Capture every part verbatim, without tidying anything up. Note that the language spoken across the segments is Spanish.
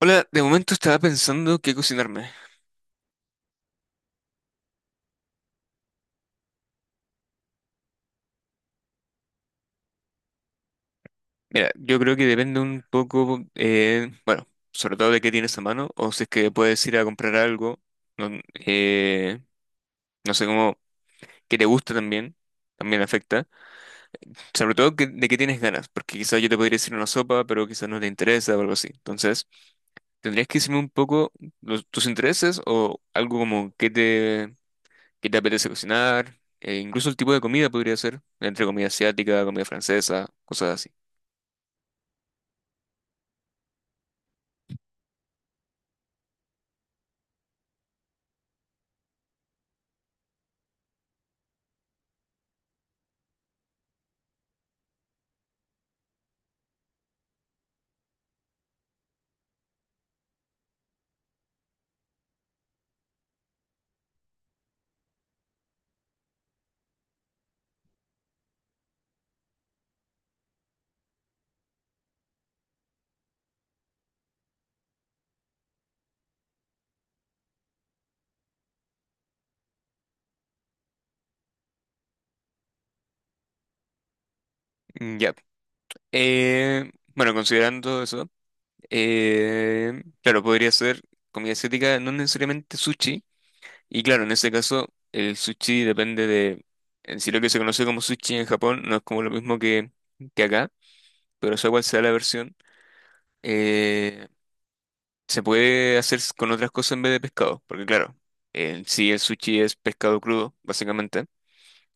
Hola, de momento estaba pensando qué cocinarme. Mira, yo creo que depende un poco, eh, bueno, sobre todo de qué tienes a mano, o si es que puedes ir a comprar algo, no, eh, no sé cómo, que te gusta también, también afecta. Sobre todo que- de qué tienes ganas, porque quizás yo te podría decir una sopa, pero quizás no te interesa o algo así. Entonces, tendrías que decirme un poco los- tus intereses o algo como qué te, qué te apetece cocinar, eh, incluso el tipo de comida podría ser, entre comida asiática, comida francesa, cosas así. Mm, ya. Eh, bueno, considerando eso, eh, claro, podría ser comida asiática, no necesariamente sushi. Y claro, en este caso, el sushi depende de, en sí lo que se conoce como sushi en Japón no es como lo mismo que, que acá, pero sea cual sea la versión, eh, se puede hacer s- con otras cosas en vez de pescado, porque claro, en sí el sushi es pescado crudo, básicamente,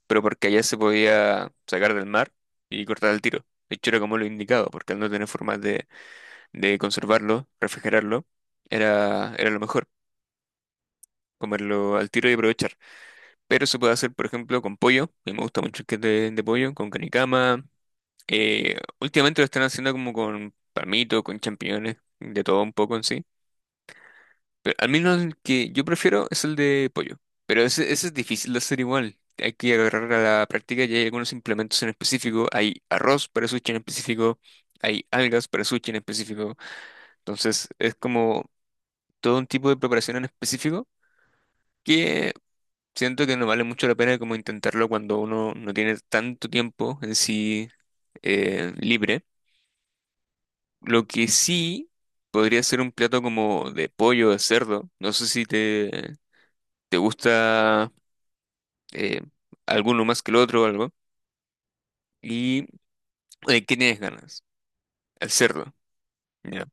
pero porque allá se podía sacar del mar y cortar al tiro. De hecho, era como lo indicado, porque al no tener formas de conservarlo, refrigerarlo, era, era lo mejor, comerlo al tiro y aprovechar. Pero se puede hacer, por ejemplo, con pollo, a mí me gusta mucho el que de, de pollo, con canicama. Eh, últimamente lo están haciendo como con palmito, con champiñones, de todo un poco en sí. Pero al menos el que yo prefiero es el de pollo. Pero ese, ese es difícil de hacer igual. Hay que agarrar a la práctica y hay algunos implementos en específico. Hay arroz para sushi en específico, hay algas para sushi en específico. Entonces es como todo un tipo de preparación en específico que siento que no vale mucho la pena como intentarlo cuando uno no tiene tanto tiempo en sí eh, libre. Lo que sí podría ser un plato como de pollo, de cerdo. No sé si te, te gusta eh, alguno más que el otro o algo. ¿Y eh, qué tienes ganas? El cerdo. Ya.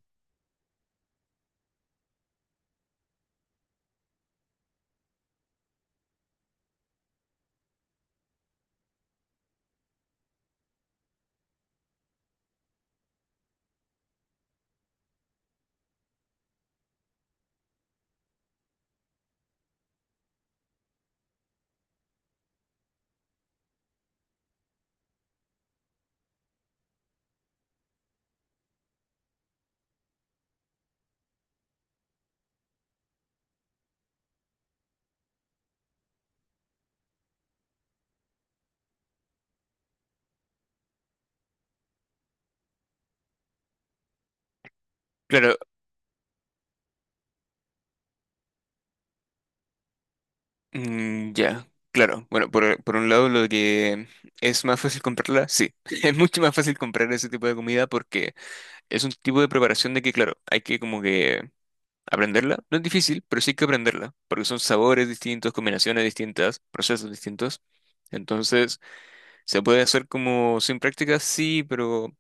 Claro, mm, ya. Claro, bueno, por, por un lado lo que es más fácil comprarla, sí, es mucho más fácil comprar ese tipo de comida porque es un tipo de preparación de que, claro, hay que como que aprenderla. No es difícil, pero sí hay que aprenderla, porque son sabores distintos, combinaciones distintas, procesos distintos. Entonces, ¿se puede hacer como sin práctica? Sí, pero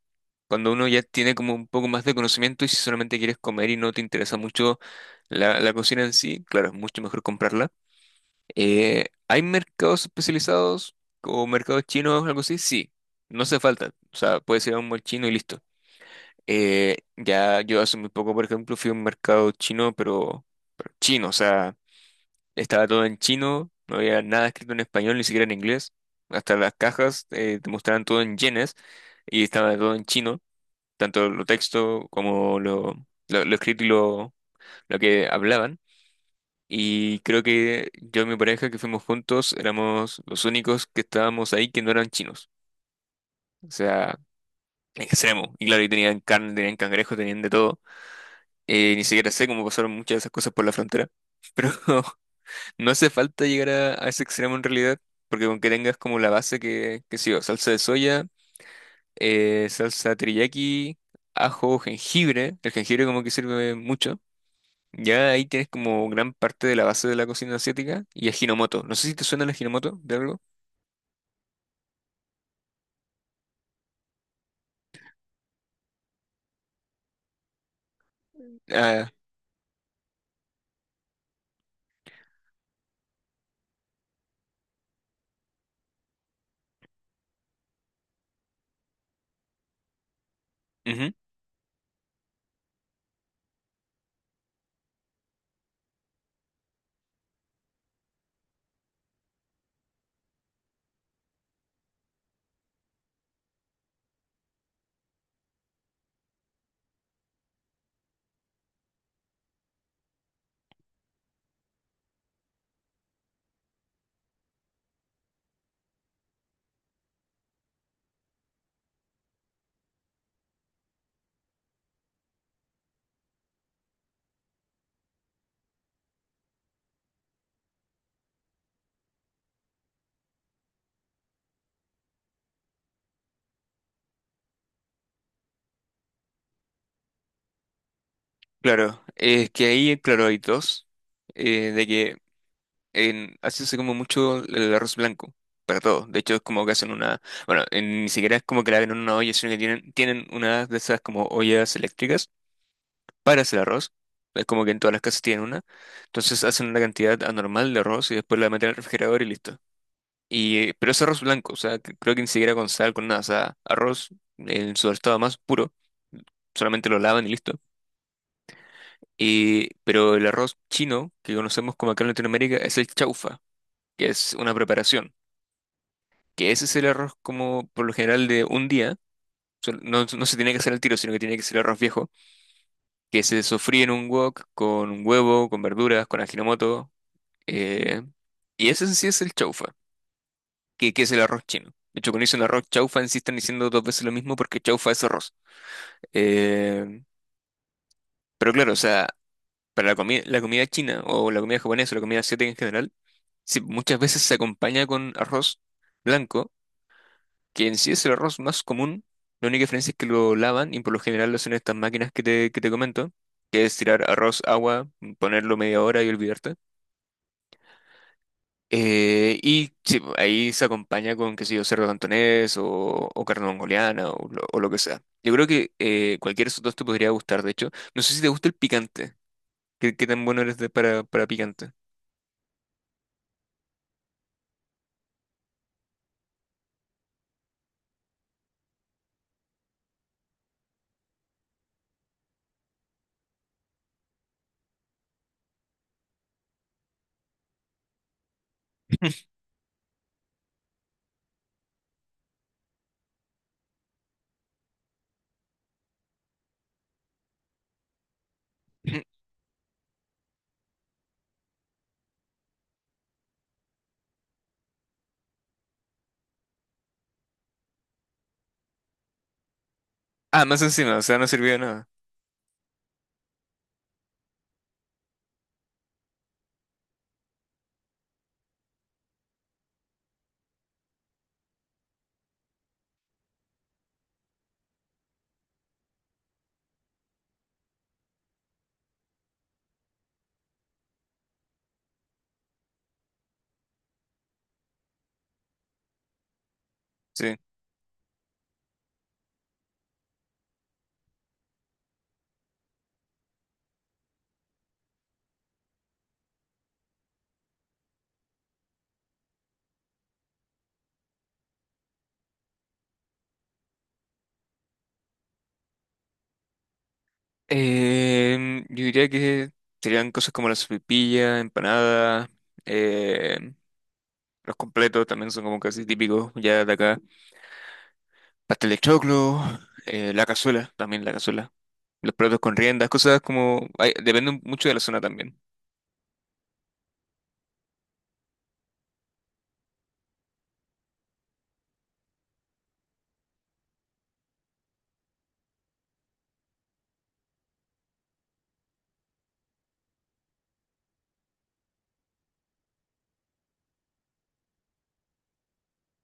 cuando uno ya tiene como un poco más de conocimiento y si solamente quieres comer y no te interesa mucho la, la cocina en sí, claro, es mucho mejor comprarla. Eh, ¿hay mercados especializados o mercados chinos o algo así? Sí, no hace falta. O sea, puedes ir a un mall chino y listo. Eh, ya yo hace muy poco, por ejemplo, fui a un mercado chino, pero, pero chino, o sea, estaba todo en chino, no había nada escrito en español, ni siquiera en inglés. Hasta las cajas eh, te mostraban todo en yenes y estaba todo en chino, tanto lo texto como lo, lo, lo escrito y lo, lo que hablaban. Y creo que yo y mi pareja que fuimos juntos éramos los únicos que estábamos ahí que no eran chinos. O sea, extremo. Y claro, y tenían carne, tenían cangrejo, tenían de todo. Eh, ni siquiera sé cómo pasaron muchas de esas cosas por la frontera. Pero no hace falta llegar a, a ese extremo en realidad, porque con que tengas como la base que, que sí, o salsa de soya, eh, salsa teriyaki, ajo, jengibre, el jengibre como que sirve mucho. Ya ahí tienes como gran parte de la base de la cocina asiática y ajinomoto. No sé si te suena el ajinomoto de algo. Ah, ujú, claro, es que ahí, claro, hay dos. Eh, de que en Asia se come mucho el arroz blanco, para todo. De hecho, es como que hacen una, bueno, en- ni siquiera es como que la ven en una olla, sino que tienen, tienen una de esas como ollas eléctricas para hacer arroz. Es como que en todas las casas tienen una. Entonces hacen una cantidad anormal de arroz y después la meten al refrigerador y listo. Y, pero es arroz blanco, o sea, que- creo que ni siquiera con sal, con nada, o sea, arroz en su estado más puro, solamente lo lavan y listo. Y, pero el arroz chino que conocemos como acá en Latinoamérica es el chaufa, que es una preparación. Que ese es el arroz como por lo general de un día. sol- No, no se tiene que hacer al tiro, sino que tiene que ser arroz viejo, que se sofríe en un wok con un huevo, con verduras, con ajinomoto. eh, y ese en sí es el chaufa, que, que es el arroz chino. De hecho, cuando dicen arroz chaufa, en sí están diciendo dos veces lo mismo porque chaufa es arroz. Eh, pero claro, o sea, para la comida, la comida china o la comida japonesa o la comida asiática en general, sí, muchas veces se acompaña con arroz blanco que en sí es el arroz más común. La única diferencia es que lo lavan y por lo general lo hacen estas máquinas que te, que te comento, que es tirar arroz, agua, ponerlo media hora y olvidarte. Eh, y sí, ahí se acompaña con, qué sé yo, cerdo cantonés o, o carne mongoliana o lo, o lo que sea. Yo creo que eh, cualquier de esos dos te podría gustar, de hecho. No sé si te gusta el picante. ¿Qué, qué tan bueno eres de- para, para picante? Ah, más encima, o sea, no sirvió de nada. Sí. Em, yo diría que serían cosas como la sopaipilla, empanada, em, los completos también son como casi típicos ya de acá. Pastel de choclo, eh, la cazuela, también la cazuela. Los platos con riendas, cosas como... ay, depende mucho de la zona también.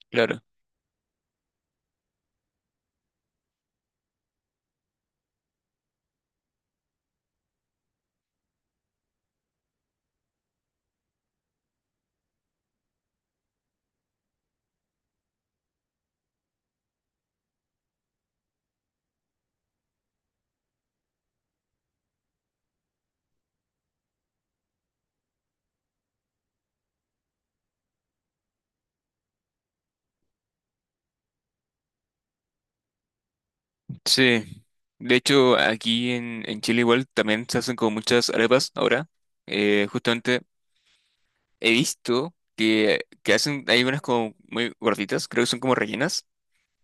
Claro. Sí. De hecho, aquí en, en Chile igual también se hacen como muchas arepas ahora. Eh, justamente he visto que, que hacen, hay unas como muy gorditas, creo que son como rellenas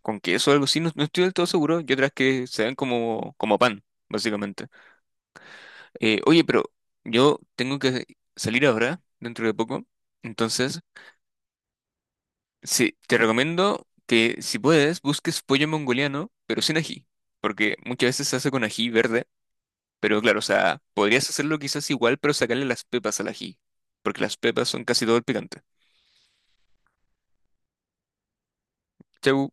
con queso o algo así, no, no estoy del todo seguro. Y otras que se dan como, como pan, básicamente. Eh, oye, pero yo tengo que salir ahora, dentro de poco. Entonces, sí, te recomiendo que si puedes, busques pollo mongoliano, pero sin ají. Porque muchas veces se hace con ají verde. Pero claro, o sea, podrías hacerlo quizás igual, pero sacarle las pepas al ají. Porque las pepas son casi todo el picante. Chau.